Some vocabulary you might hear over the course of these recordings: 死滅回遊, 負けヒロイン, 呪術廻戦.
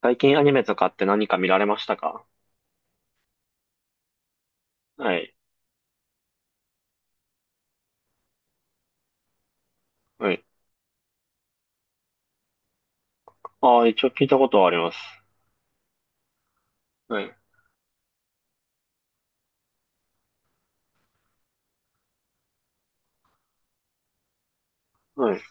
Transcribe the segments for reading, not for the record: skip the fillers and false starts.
最近アニメとかって何か見られましたか？はい。はい。ああ、一応聞いたことはあります。はい。はい。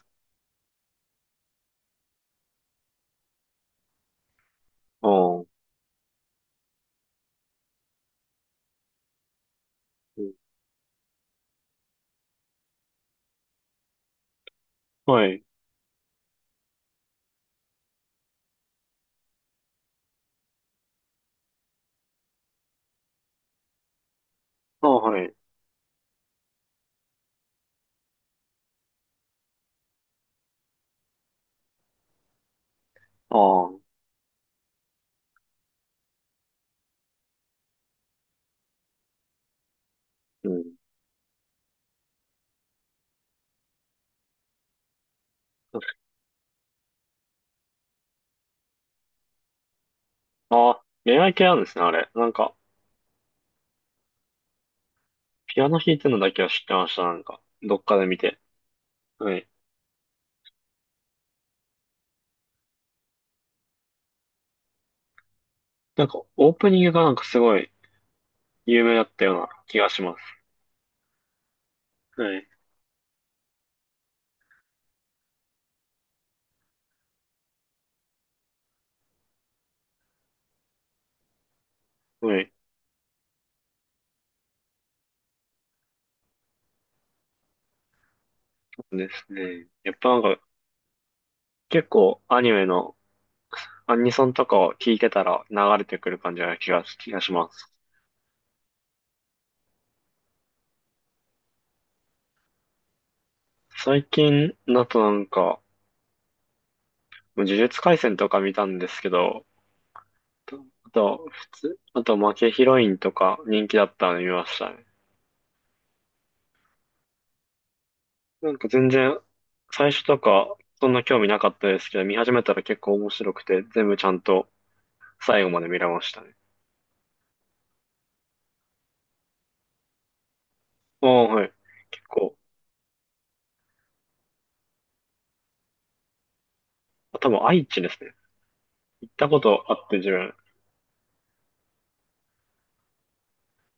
ああ、うん。はい。ああ、はい。ああ、うん。ああ、恋愛系なんですね、あれ。ピアノ弾いてるのだけは知ってました、なんか。どっかで見て。はい。なんか、オープニングがなんかすごい有名だったような気がします。はい。はい。そうですね。やっぱなんか、結構アニメのアニソンとかを聞いてたら流れてくる感じな気がします。最近だとなんか、呪術廻戦とか見たんですけど、とあと、普通、あと負けヒロインとか人気だったの見ましたね。なんか全然、最初とかそんな興味なかったですけど、見始めたら結構面白くて、全部ちゃんと最後まで見れましたね。ああ、はい。結構、多分愛知ですね。行ったことあって自分。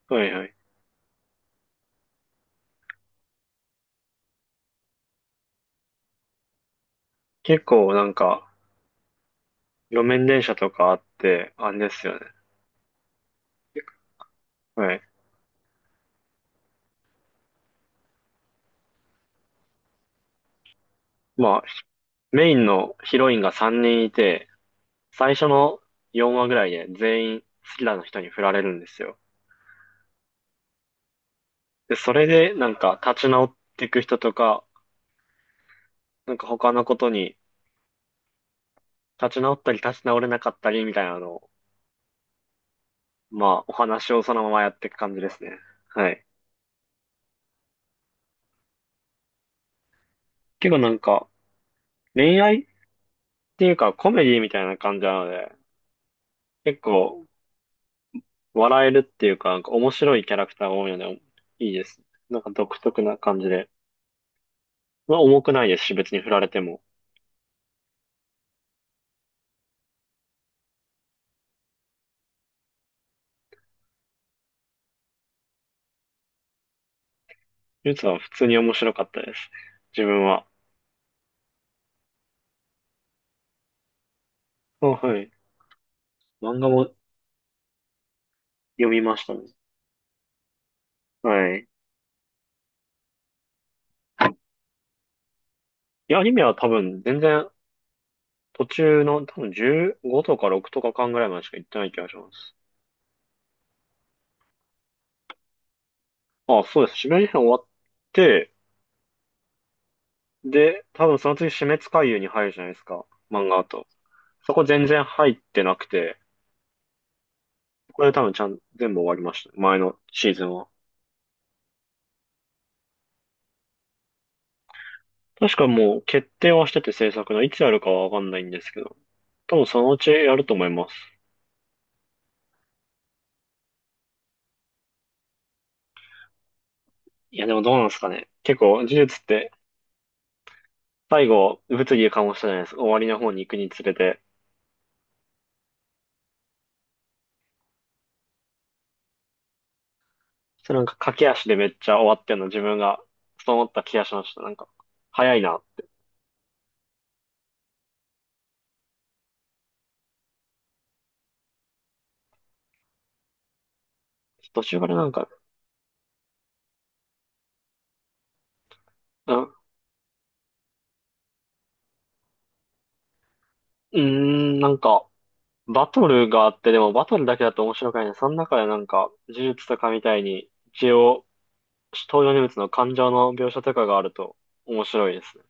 はいはい。結構なんか、路面電車とかあって、あれですよね。はい。まあ、メインのヒロインが3人いて、最初の4話ぐらいで全員好きな人に振られるんですよ。で、それでなんか立ち直っていく人とか、なんか他のことに立ち直ったり立ち直れなかったりみたいなのを、まあお話をそのままやっていく感じですね。はい。結構なんか恋愛っていうかコメディみたいな感じなので、結構笑えるっていうか、なんか面白いキャラクターが多いので、いいです。なんか独特な感じで。まあ重くないですし、別に振られても。ゆつは普通に面白かったです。自分は。あ、はい。漫画も読みましたね。はい。いや、アニメは多分全然途中の多分15とか6とか間ぐらいまでしか行ってない気がします。あ、そうです。締め編終わって、で、多分その次死滅回遊に入るじゃないですか。漫画だと。そこ全然入ってなくて、これで多分ちゃん、全部終わりました。前のシーズンは。確かもう決定はしてて制作のいつやるかはわかんないんですけど、多分そのうちやると思います。いや、でもどうなんですかね。結構、呪術って最後、物議を醸したじゃないですか。終わりの方に行くにつれて。それなんか駆け足でめっちゃ終わってんの、自分が、そう思った気がしました。なんか、早いな。途中からなんか、うん、なんか、バトルがあって、でもバトルだけだと面白くないね。その中でなんか、呪術とかみたいに、一応、登場人物の感情の描写とかがあると面白いですね。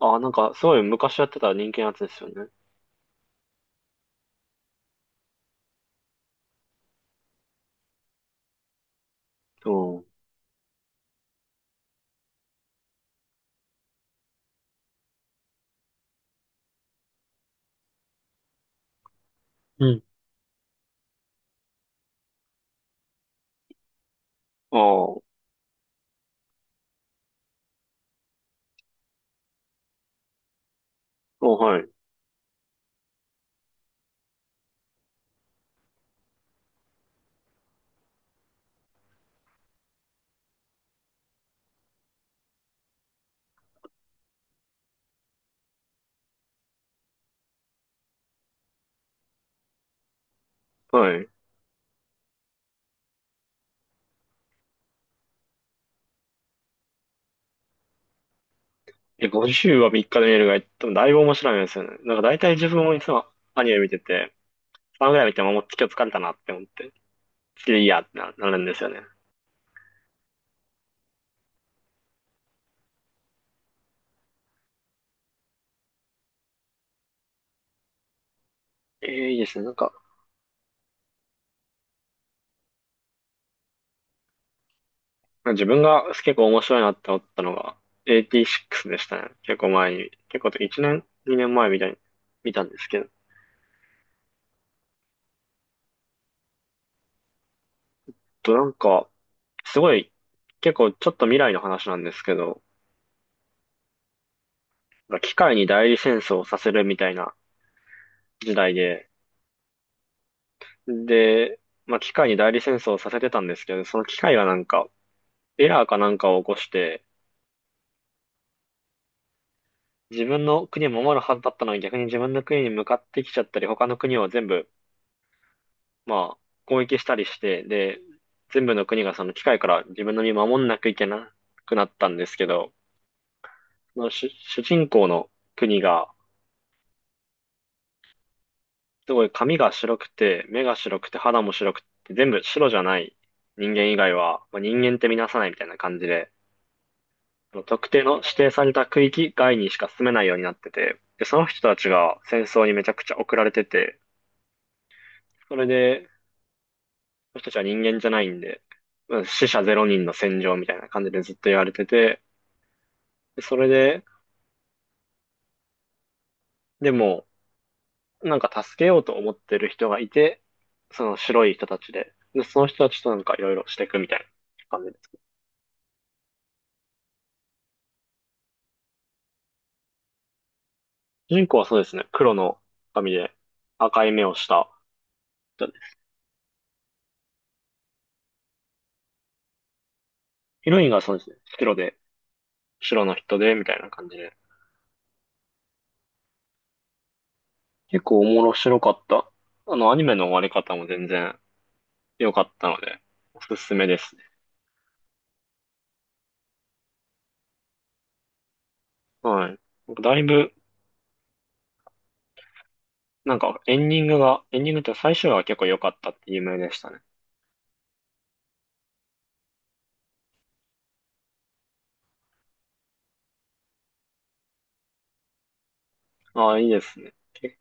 ああ、なんか、すごい昔やってた人気のやつですよね。そう。うん。ああ、おはい、はい。え、50は3日で見れるが、多分だいぶ面白いんですよね。なんか大体自分もいつもアニメ見てて、3ぐらい見てももう今日疲れたなって思って、次でいいやってな、なるんですよね。えー、いいですね。なんか、自分が結構面白いなって思ったのが、t 6でしたね。結構前に、結構1年、2年前みたいに見たんですけど、となんか、すごい、結構ちょっと未来の話なんですけど、なんか機械に代理戦争をさせるみたいな時代で、で、まあ、機械に代理戦争をさせてたんですけど、その機械がなんか、エラーかなんかを起こして、自分の国を守るはずだったのに逆に自分の国に向かってきちゃったり、他の国を全部、まあ、攻撃したりして、で、全部の国がその機械から自分の身を守んなきゃいけなくなったんですけど、主人公の国が、すごい髪が白くて、目が白くて、肌も白くて、全部白じゃない人間以外は、まあ、人間って見なさないみたいな感じで、特定の指定された区域外にしか住めないようになってて、で、その人たちが戦争にめちゃくちゃ送られてて、それで、その人たちは人間じゃないんで、うん死者ゼロ人の戦場みたいな感じでずっと言われてて、でそれで、でも、なんか助けようと思ってる人がいて、その白い人たちで、で、その人たちとなんかいろいろしていくみたいな感じです。主人公はそうですね、黒の髪で赤い目をした人で、ヒロインがそうですね、白で、白の人で、みたいな感じで、結構面白かった。あの、アニメの終わり方も全然良かったので、おすすめですね。はい。だいぶ、なんかエンディングが、エンディングって最終話が結構良かったって有名でしたね。ああ、いいですね。け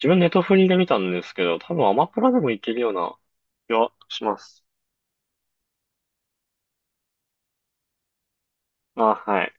自分ネットフリで見たんですけど、多分アマプラでもいけるような気はします。あ、はい。